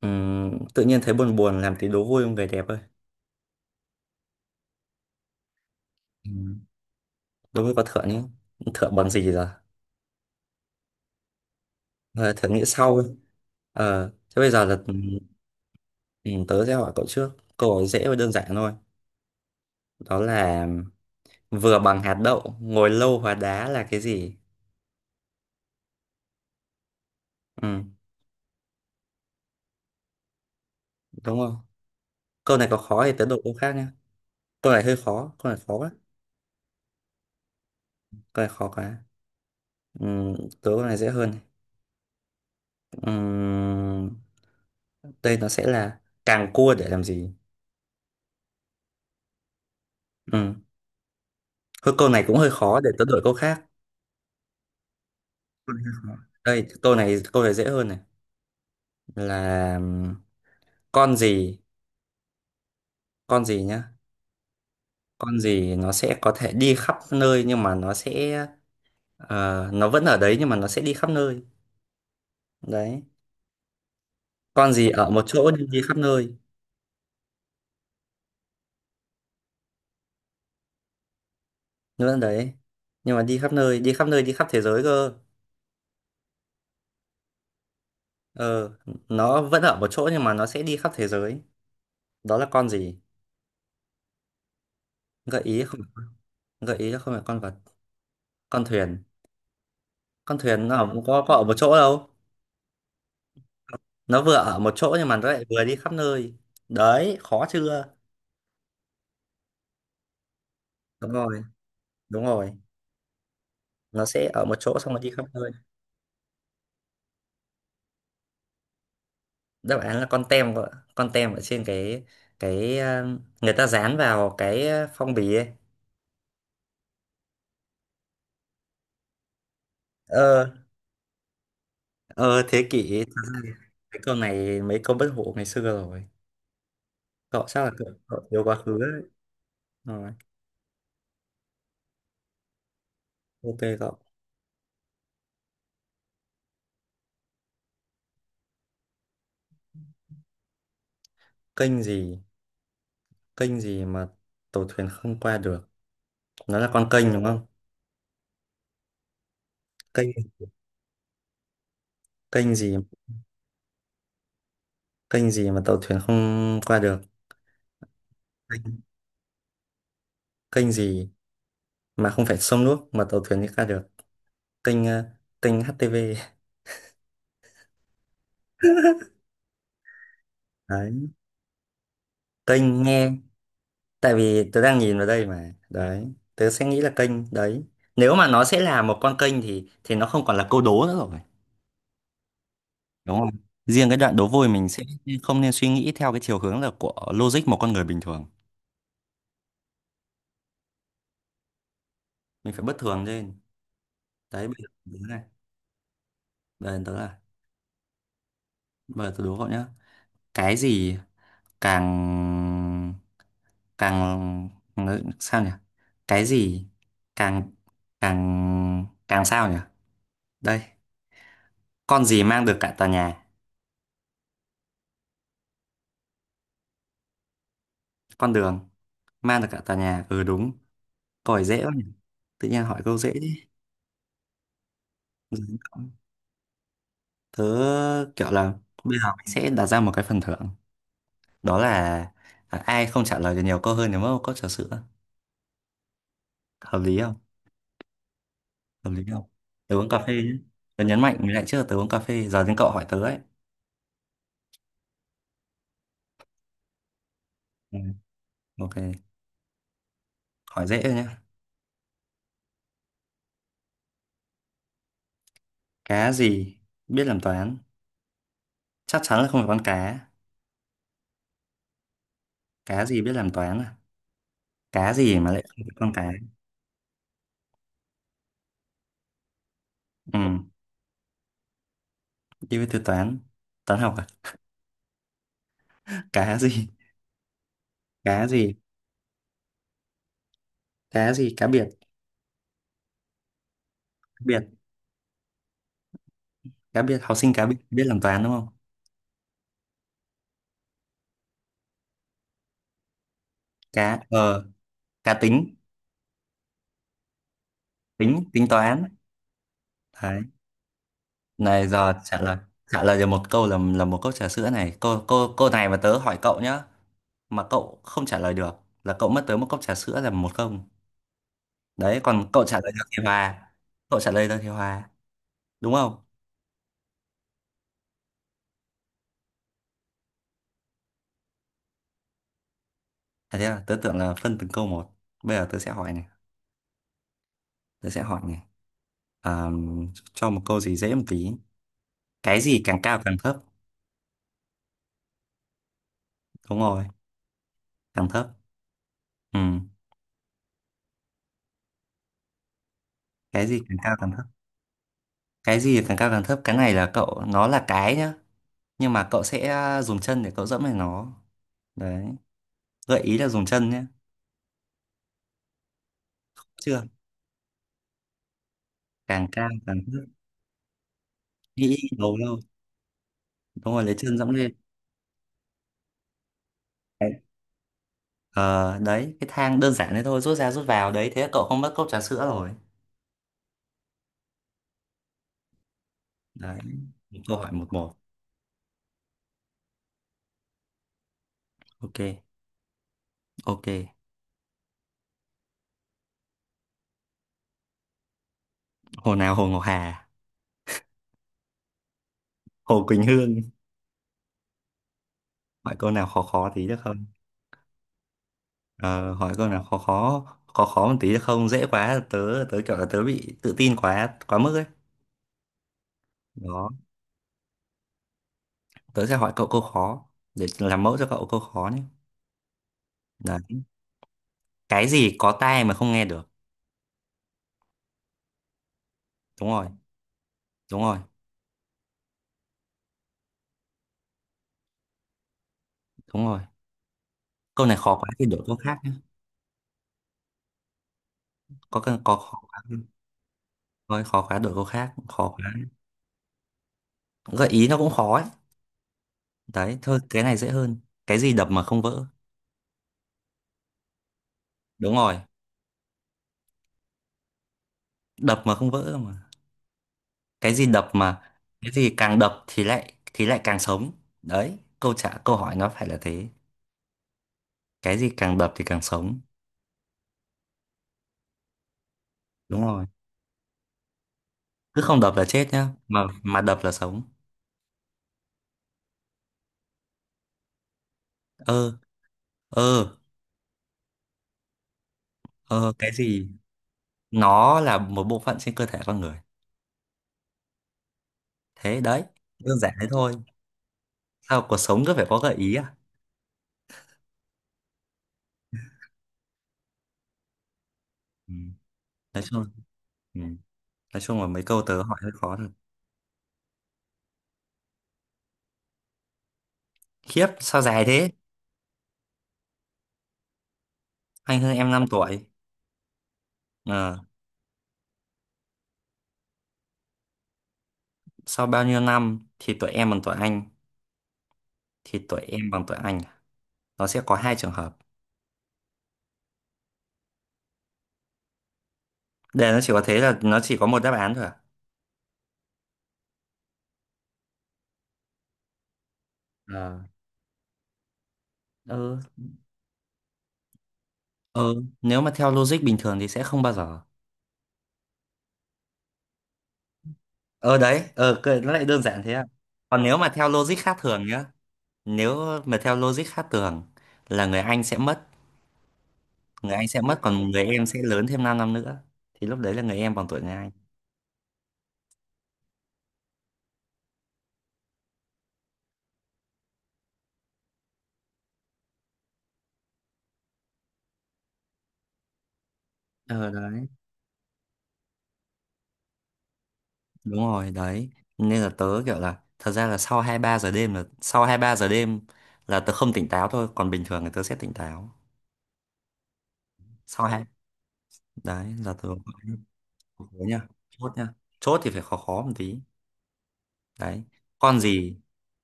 Tự nhiên thấy buồn buồn làm tí đố vui không về đẹp ơi. Ừ. Đố vui có thưởng nhé. Thưởng bằng gì giờ? Ờ, Thưởng nghĩ sau ấy. Ờ, thế bây giờ là ừ, tớ sẽ hỏi cậu trước. Câu hỏi dễ và đơn giản thôi, đó là vừa bằng hạt đậu ngồi lâu hóa đá là cái gì. Ừ, đúng không? Câu này có khó thì tớ đổi câu khác nhé. Câu này hơi khó, câu này khó quá, câu này khó quá. Ừ, tớ câu này dễ hơn. Ừ, đây nó sẽ là càng cua để làm gì. Ừ. Thôi câu này cũng hơi khó, để tớ đổi câu khác. Con hay khó? Đây, câu này dễ hơn này, là con gì, con gì nhá. Con gì nó sẽ có thể đi khắp nơi nhưng mà nó sẽ nó vẫn ở đấy nhưng mà nó sẽ đi khắp nơi, đấy. Con gì ở một chỗ nhưng đi khắp nơi. Nó vẫn đấy nhưng mà đi khắp nơi, đi khắp nơi, đi khắp thế giới cơ. Ờ, nó vẫn ở một chỗ nhưng mà nó sẽ đi khắp thế giới, đó là con gì? Gợi ý không? Gợi ý là không phải con vật. Con thuyền? Con thuyền nó có ở một chỗ đâu. Nó vừa ở một chỗ nhưng mà nó lại vừa đi khắp nơi. Đấy, khó chưa? Đúng rồi, đúng rồi. Nó sẽ ở một chỗ xong rồi đi khắp nơi. Đáp án là con tem vợ, con tem ở trên cái ờ, người ta dán vào cái phong bì ấy. Ờ, ờ thế kỷ. Thật ra thì mấy câu này mấy câu bất hủ ngày xưa rồi. Cậu chắc là cậu yêu quá khứ đấy. Rồi, ok cậu. Kênh gì? Kênh gì mà tàu thuyền không qua được? Nó là con kênh đúng không? Kênh, kênh gì? Kênh gì mà tàu thuyền không qua được? Kênh gì mà không phải sông nước mà tàu thuyền mới ra được? Kênh kênh HTV. Đấy, kênh nghe. Tại vì tớ đang nhìn vào đây mà đấy, tớ sẽ nghĩ là kênh đấy. Nếu mà nó sẽ là một con kênh thì nó không còn là câu đố nữa rồi. Đúng không? Riêng cái đoạn đố vui mình sẽ không nên suy nghĩ theo cái chiều hướng là của logic một con người bình thường. Mình phải bất thường lên. Đấy, bây giờ tớ này, bây giờ tớ là, bây giờ tớ đố cậu nhá. Cái gì càng, càng sao nhỉ? Cái gì càng, càng càng sao nhỉ? Đây, con gì mang được cả tòa nhà? Con đường mang được cả tòa nhà, ừ đúng. Câu hỏi dễ quá nhỉ, tự nhiên hỏi câu dễ đi. Tớ kiểu là bây giờ mình sẽ đặt ra một cái phần thưởng, đó là ai không trả lời được nhiều câu hơn thì mất một cốc trà sữa. Hợp lý không? Hợp lý không? Tớ uống cà phê nhé. Tớ nhấn mạnh lại trước là tớ uống cà phê. Giờ đến cậu hỏi tớ ấy. Ừ. Ok. Hỏi dễ thôi nhé. Cá gì biết làm toán? Chắc chắn là không phải con cá. Cá gì biết làm toán à? Cá gì mà lại không phải con cá? Ừ, đi với từ toán. Toán học à? Cá gì? Cá gì, cá gì, cá biệt? Cá biệt, cá biệt, học sinh cá biệt biết làm toán đúng không? Cá ờ, cá tính. Tính, tính toán. Này giờ trả lời, trả lời được một câu là một cốc trà sữa này, cô này mà tớ hỏi cậu nhá, mà cậu không trả lời được là cậu mất tới một cốc trà sữa, là một không. Đấy, còn cậu trả lời được thì hòa. Cậu trả lời được thì hòa, đúng không? À, thế là tớ tưởng là phân từng câu một. Bây giờ tớ sẽ hỏi này, tớ sẽ hỏi này, à, cho một câu gì dễ một tí. Cái gì càng cao càng thấp? Đúng rồi, càng thấp. Ừ. Cái gì càng cao càng thấp? Cái gì càng cao càng thấp? Cái này là cậu nó là cái nhá, nhưng mà cậu sẽ dùng chân để cậu dẫm lên nó, đấy. Gợi ý là dùng chân nhé. Chưa? Càng cao càng thấp. Nghĩ đầu đâu? Đúng rồi, lấy chân dẫm lên. Đấy. Ờ, đấy cái thang, đơn giản thế thôi, rút ra rút vào, đấy thế là cậu không mất cốc trà sữa rồi. Đấy, một câu hỏi, một một. Ok. Ok. Hồ nào? Hồ Ngọc Hà, hồ Quỳnh Hương. Hỏi câu nào khó khó tí được không? Ờ, hỏi câu nào khó khó, khó khó một tí được không? Dễ quá, tớ, tớ kiểu là tớ bị tự tin quá quá mức ấy. Đó, tớ sẽ hỏi cậu câu khó, để làm mẫu cho cậu câu khó nhé. Đấy, cái gì có tai mà không nghe được? Đúng rồi. Đúng rồi, đúng rồi. Câu này khó quá thì đổi câu khác nhé. Có cần, có khó quá không? Thôi khó quá đổi câu khác, khó quá. Gợi ý nó cũng khó ấy. Đấy, thôi cái này dễ hơn. Cái gì đập mà không vỡ? Đúng rồi, đập mà không vỡ mà. Cái gì đập mà, cái gì càng đập thì lại càng sống. Đấy, câu hỏi nó phải là thế. Cái gì càng đập thì càng sống? Đúng rồi. Cứ không đập là chết nhá, mà đập là sống. Ơ. Ơ. Ơ, cái gì? Nó là một bộ phận trên cơ thể con người. Thế đấy, đơn giản thế thôi. Sao cuộc sống cứ phải có gợi ý à? Ừ. Nói chung, ừ, nói chung là mấy câu tớ hỏi hơi khó thật. Khiếp sao dài thế? Anh hơn em 5 tuổi. Ờ, sau bao nhiêu năm thì tuổi em bằng tuổi anh, thì tuổi em bằng tuổi anh à? Nó sẽ có hai trường hợp. Để nó chỉ có thế là nó chỉ có một đáp án thôi à? Ờ. Ừ. Ừ, nếu mà theo logic bình thường thì sẽ không bao giờ. Ờ đấy, ờ nó lại đơn giản thế à? Còn nếu mà theo logic khác thường nhá, nếu mà theo logic khác thường là người anh sẽ mất. Người anh sẽ mất, còn người em sẽ lớn thêm 5 năm nữa, thì lúc đấy là người em bằng tuổi người anh. Ờ đấy, đúng rồi đấy. Nên là tớ kiểu là thật ra là sau hai ba giờ đêm, là sau hai ba giờ đêm là tớ không tỉnh táo thôi, còn bình thường thì tớ sẽ tỉnh táo. Sau hai, đấy là tớ. Đấy nha, chốt nha. Chốt thì phải khó khó một tí. Đấy, con gì,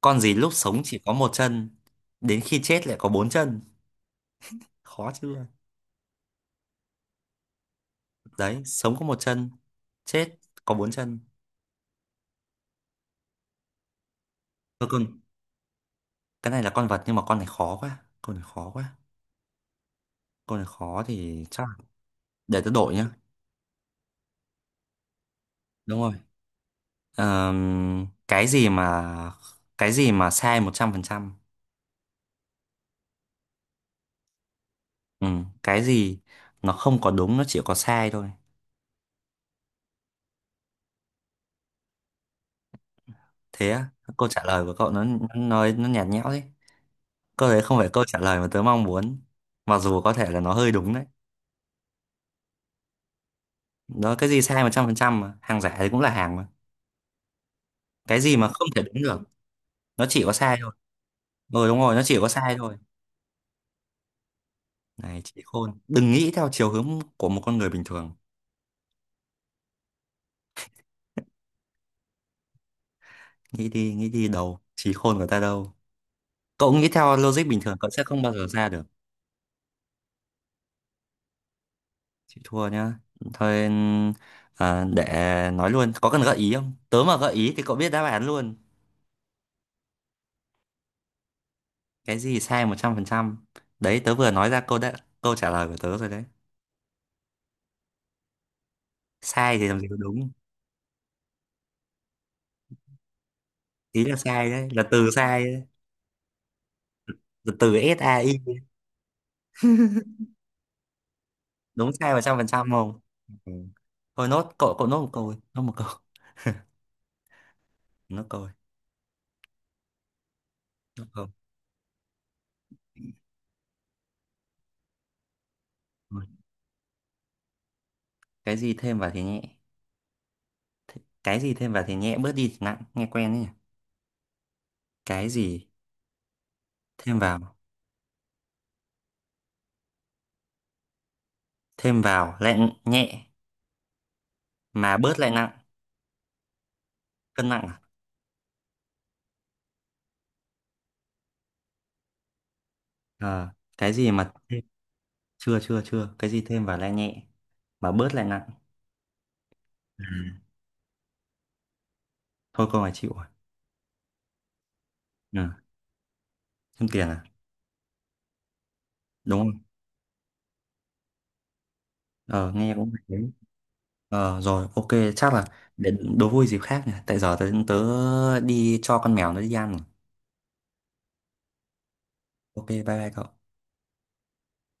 con gì lúc sống chỉ có một chân, đến khi chết lại có bốn chân? Khó chưa? Đấy, sống có một chân, chết có bốn chân. Thôi con, cái này là con vật nhưng mà con này khó quá, con này khó quá, con này khó thì để tớ đổi nhá. Đúng rồi. Cái gì mà, cái gì mà sai 100%? Ừ, cái gì nó không có đúng, nó chỉ có sai thôi. Thế á? Câu trả lời của cậu nó, nó nhạt nhẽo đấy. Câu đấy không phải câu trả lời mà tớ mong muốn, mặc dù có thể là nó hơi đúng đấy. Đó, cái gì sai 100% mà hàng giả thì cũng là hàng mà. Cái gì mà không thể đúng được, nó chỉ có sai thôi. Ừ đúng rồi, nó chỉ có sai thôi. Này trí khôn, đừng nghĩ theo chiều hướng của một con người bình thường. Nghĩ đi đầu, trí khôn của ta đâu. Cậu nghĩ theo logic bình thường cậu sẽ không bao giờ ra được. Chị thua nhá. Thôi à, để nói luôn, có cần gợi ý không? Tớ mà gợi ý thì cậu biết đáp án luôn. Cái gì sai 100%? Đấy, tớ vừa nói ra câu đã, câu trả lời của tớ rồi đấy. Sai thì làm gì có đúng. Ý là sai đấy, là từ sai đấy. Là từ SAI, đúng sai 100% không? Ừ. Thôi nốt, cậu cậu nốt một câu, đi, nốt một câu, nốt câu, đi, nốt câu. Cái gì thêm vào thì nhẹ? Cái gì thêm vào thì nhẹ, bớt đi thì nặng, nghe quen ấy nhỉ? Cái gì thêm vào, thêm vào lại nhẹ mà bớt lại nặng? Cân nặng à? Ờ, cái gì mà chưa chưa chưa, cái gì thêm vào lại nhẹ mà bớt lại nặng? À, thôi câu này chịu rồi. Ừ. Thêm tiền à? Đúng không? Ờ nghe cũng hay đấy. Ờ rồi, ok. Chắc là để đố vui dịp khác nhỉ, tại giờ tớ đi cho con mèo nó đi ăn rồi. Ok bye bye cậu.